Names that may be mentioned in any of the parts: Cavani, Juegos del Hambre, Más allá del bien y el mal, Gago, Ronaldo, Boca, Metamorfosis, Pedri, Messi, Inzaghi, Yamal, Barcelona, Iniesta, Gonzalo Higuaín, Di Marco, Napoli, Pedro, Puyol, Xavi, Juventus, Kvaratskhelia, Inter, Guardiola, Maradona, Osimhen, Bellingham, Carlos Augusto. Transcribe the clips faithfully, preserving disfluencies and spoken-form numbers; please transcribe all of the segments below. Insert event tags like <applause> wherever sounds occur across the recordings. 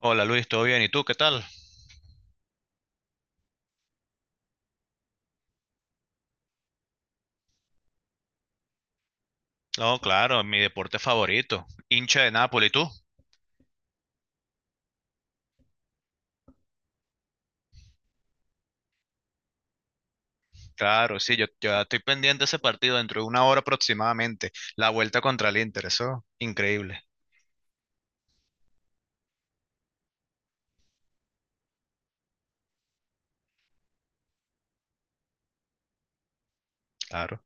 Hola Luis, ¿todo bien? ¿Y tú qué tal? No, claro, mi deporte favorito. Hincha de Nápoles, ¿y tú? Claro, sí, yo, yo estoy pendiente de ese partido dentro de una hora aproximadamente. La vuelta contra el Inter, eso, increíble, claro.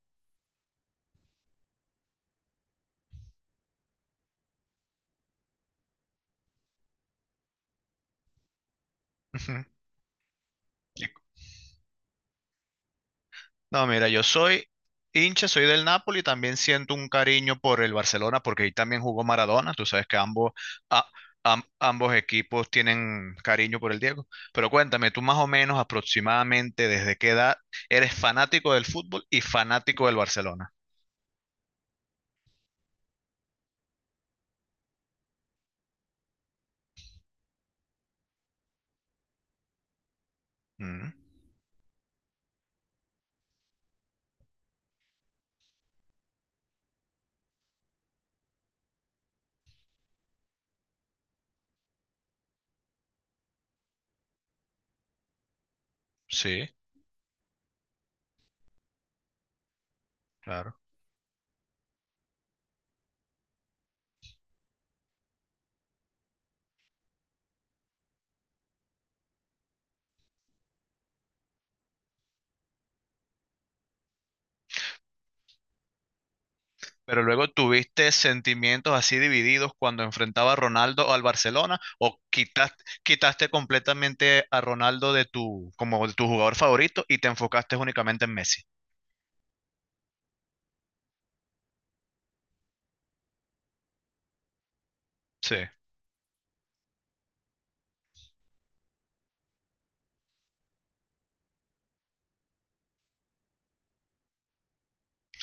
<laughs> Ujú. No, mira, yo soy hincha, soy del Napoli, también siento un cariño por el Barcelona porque ahí también jugó Maradona, tú sabes que ambos, a- am- ambos equipos tienen cariño por el Diego. Pero cuéntame, tú más o menos aproximadamente desde qué edad eres fanático del fútbol y fanático del Barcelona. Mm, sí, claro. Pero luego tuviste sentimientos así divididos cuando enfrentaba a Ronaldo al Barcelona o quitaste, quitaste completamente a Ronaldo de tu, como de tu jugador favorito y te enfocaste únicamente en Messi. Sí,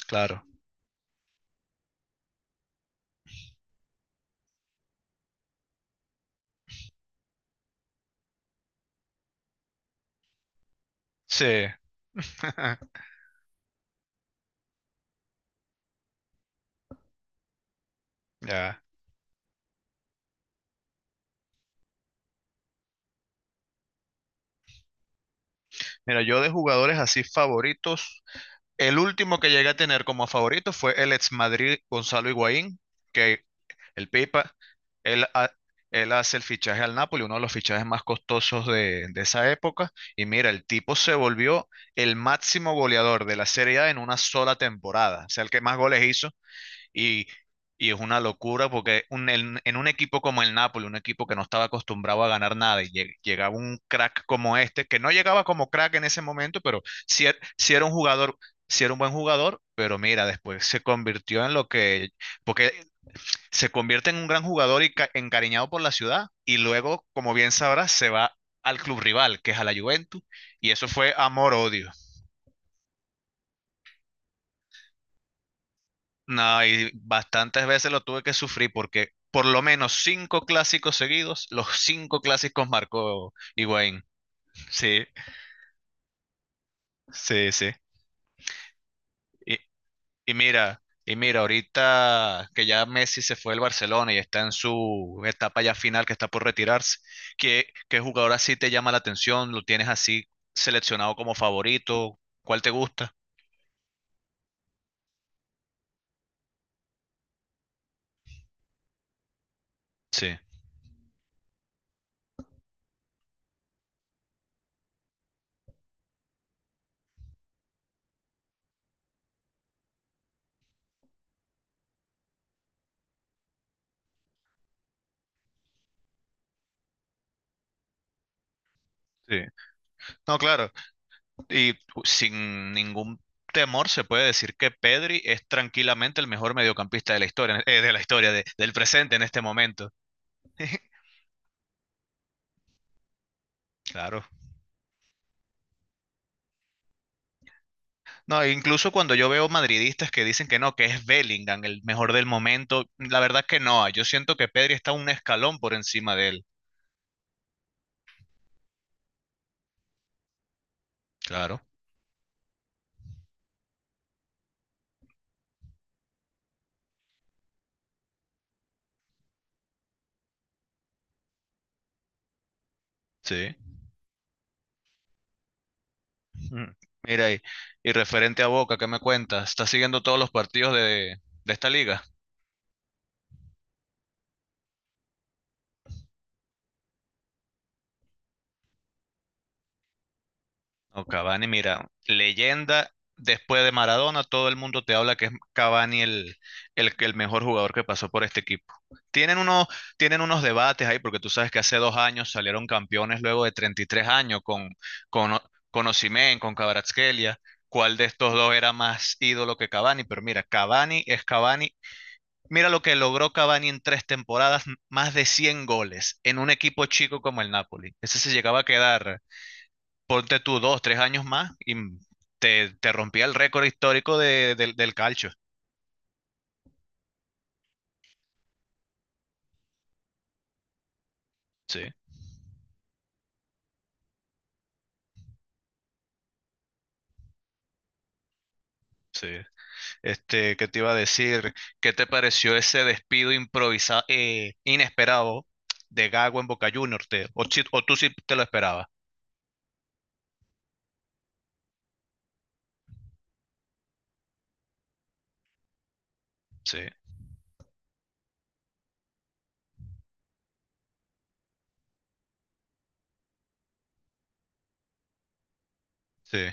claro. Sí. <laughs> Ya. Mira, yo de jugadores así favoritos, el último que llegué a tener como favorito fue el ex Madrid Gonzalo Higuaín, que El Pipa, él, ha- él hace el fichaje al Napoli, uno de los fichajes más costosos de, de esa época. Y mira, el tipo se volvió el máximo goleador de la Serie A en una sola temporada. O sea, el que más goles hizo. Y, y es una locura porque un- en, en un equipo como el Napoli, un equipo que no estaba acostumbrado a ganar nada, y lleg- llegaba un crack como este, que no llegaba como crack en ese momento, pero sí, er- sí era un jugador. Sí era un buen jugador, pero mira, después se convirtió en lo que porque se convierte en un gran jugador y ca- encariñado por la ciudad y luego, como bien sabrás, se va al club rival, que es a la Juventus, y eso fue amor-odio. No, y bastantes veces lo tuve que sufrir porque por lo menos cinco clásicos seguidos, los cinco clásicos marcó Higuaín. Sí, sí, sí. Y, Y mira, y mira, ahorita que ya Messi se fue del Barcelona y está en su etapa ya final, que está por retirarse, ¿qué, qué jugador así te llama la atención? ¿Lo tienes así seleccionado como favorito? ¿Cuál te gusta? Sí, sí. No, claro. Y sin ningún temor se puede decir que Pedri es tranquilamente el mejor mediocampista de la historia, eh, de la historia, de- del presente en este momento. <laughs> Claro. No, e incluso cuando yo veo madridistas que dicen que no, que es Bellingham el mejor del momento, la verdad que no, yo siento que Pedri está un escalón por encima de él. Claro, sí. Mm. Mira, y, y referente a Boca, ¿qué me cuentas? ¿Estás siguiendo todos los partidos de, de esta liga? No, Cavani, mira, leyenda, después de Maradona, todo el mundo te habla que es Cavani el, el, el mejor jugador que pasó por este equipo. Tienen unos, tienen unos debates ahí, porque tú sabes que hace dos años salieron campeones luego de treinta y tres años con, con, O- con Osimhen, con Kvaratskhelia. ¿Cuál de estos dos era más ídolo que Cavani? Pero mira, Cavani es Cavani. Mira lo que logró Cavani en tres temporadas, m- más de cien goles en un equipo chico como el Napoli. Ese se llegaba a quedar ponte tú dos, tres años más y te, te rompía el récord histórico de- del, del calcio. Sí, sí. Este, ¿qué te iba a decir? ¿Qué te pareció ese despido improvisado, eh, inesperado de Gago en Boca Juniors? Te- o, si- o tú sí te lo esperabas. Sí, sí,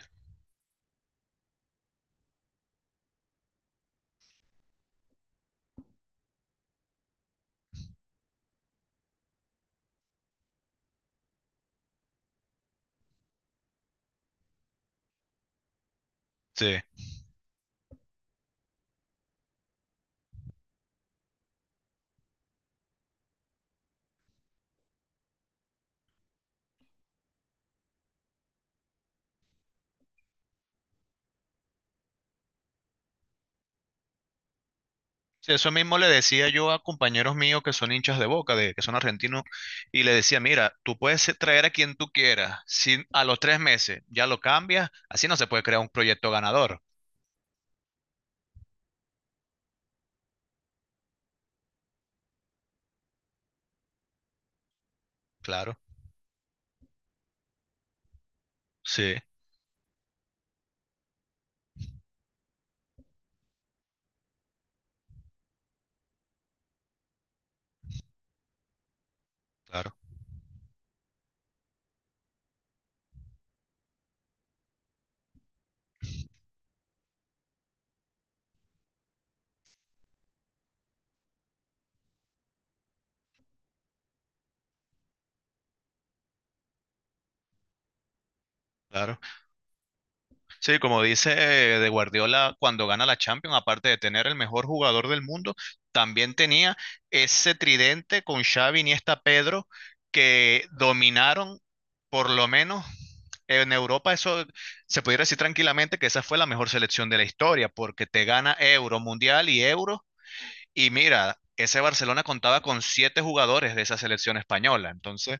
sí. Sí, eso mismo le decía yo a compañeros míos que son hinchas de Boca, de, que son argentinos, y le decía, mira, tú puedes eh, traer a quien tú quieras, si a los tres meses ya lo cambias, así no se puede crear un proyecto ganador. Claro. Sí, claro, claro. Sí, como dice eh, de Guardiola, cuando gana la Champions, aparte de tener el mejor jugador del mundo, también tenía ese tridente con Xavi, Iniesta, Pedro, que dominaron por lo menos en Europa. Eso se pudiera decir tranquilamente que esa fue la mejor selección de la historia, porque te gana Euro, Mundial y Euro. Y mira, ese Barcelona contaba con siete jugadores de esa selección española. Entonces,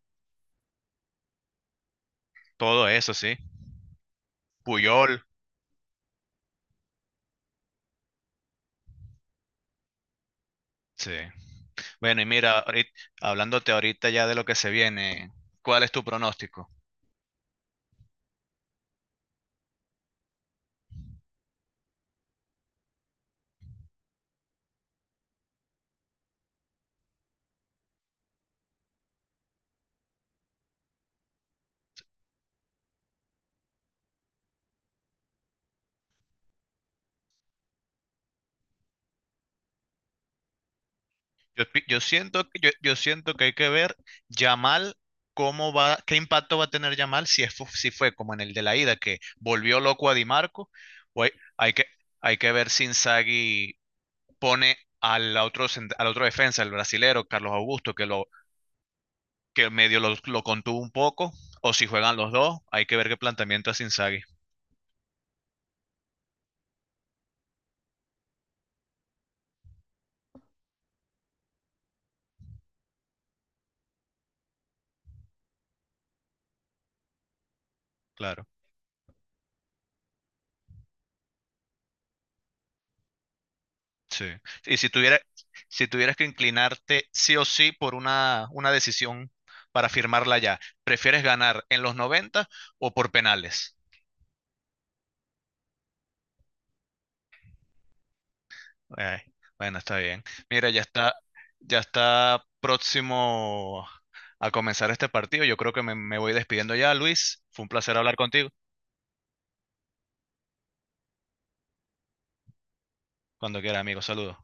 todo eso, sí. Puyol, sí. Bueno, y mira, ahorit- hablándote ahorita ya de lo que se viene, ¿cuál es tu pronóstico? Yo, pi- yo siento, que- yo, yo siento que hay que ver Yamal, cómo va, qué impacto va a tener Yamal si, es, fu- si fue como en el de la ida, que volvió loco a Di Marco, o hay, hay que, hay que ver si Inzaghi pone al otro, cent- al otro defensa, el brasilero, Carlos Augusto, que, lo, que medio lo, lo contuvo un poco, o si juegan los dos, hay que ver qué planteamiento hace Inzaghi, claro. Sí. Y si tuviera, si tuvieras que inclinarte sí o sí por una, una decisión para firmarla ya, ¿prefieres ganar en los noventa o por penales? Eh, bueno, está bien. Mira, ya está, ya está próximo a comenzar este partido. Yo creo que me, me voy despidiendo ya, Luis. Fue un placer hablar contigo. Cuando quiera, amigo. Saludos.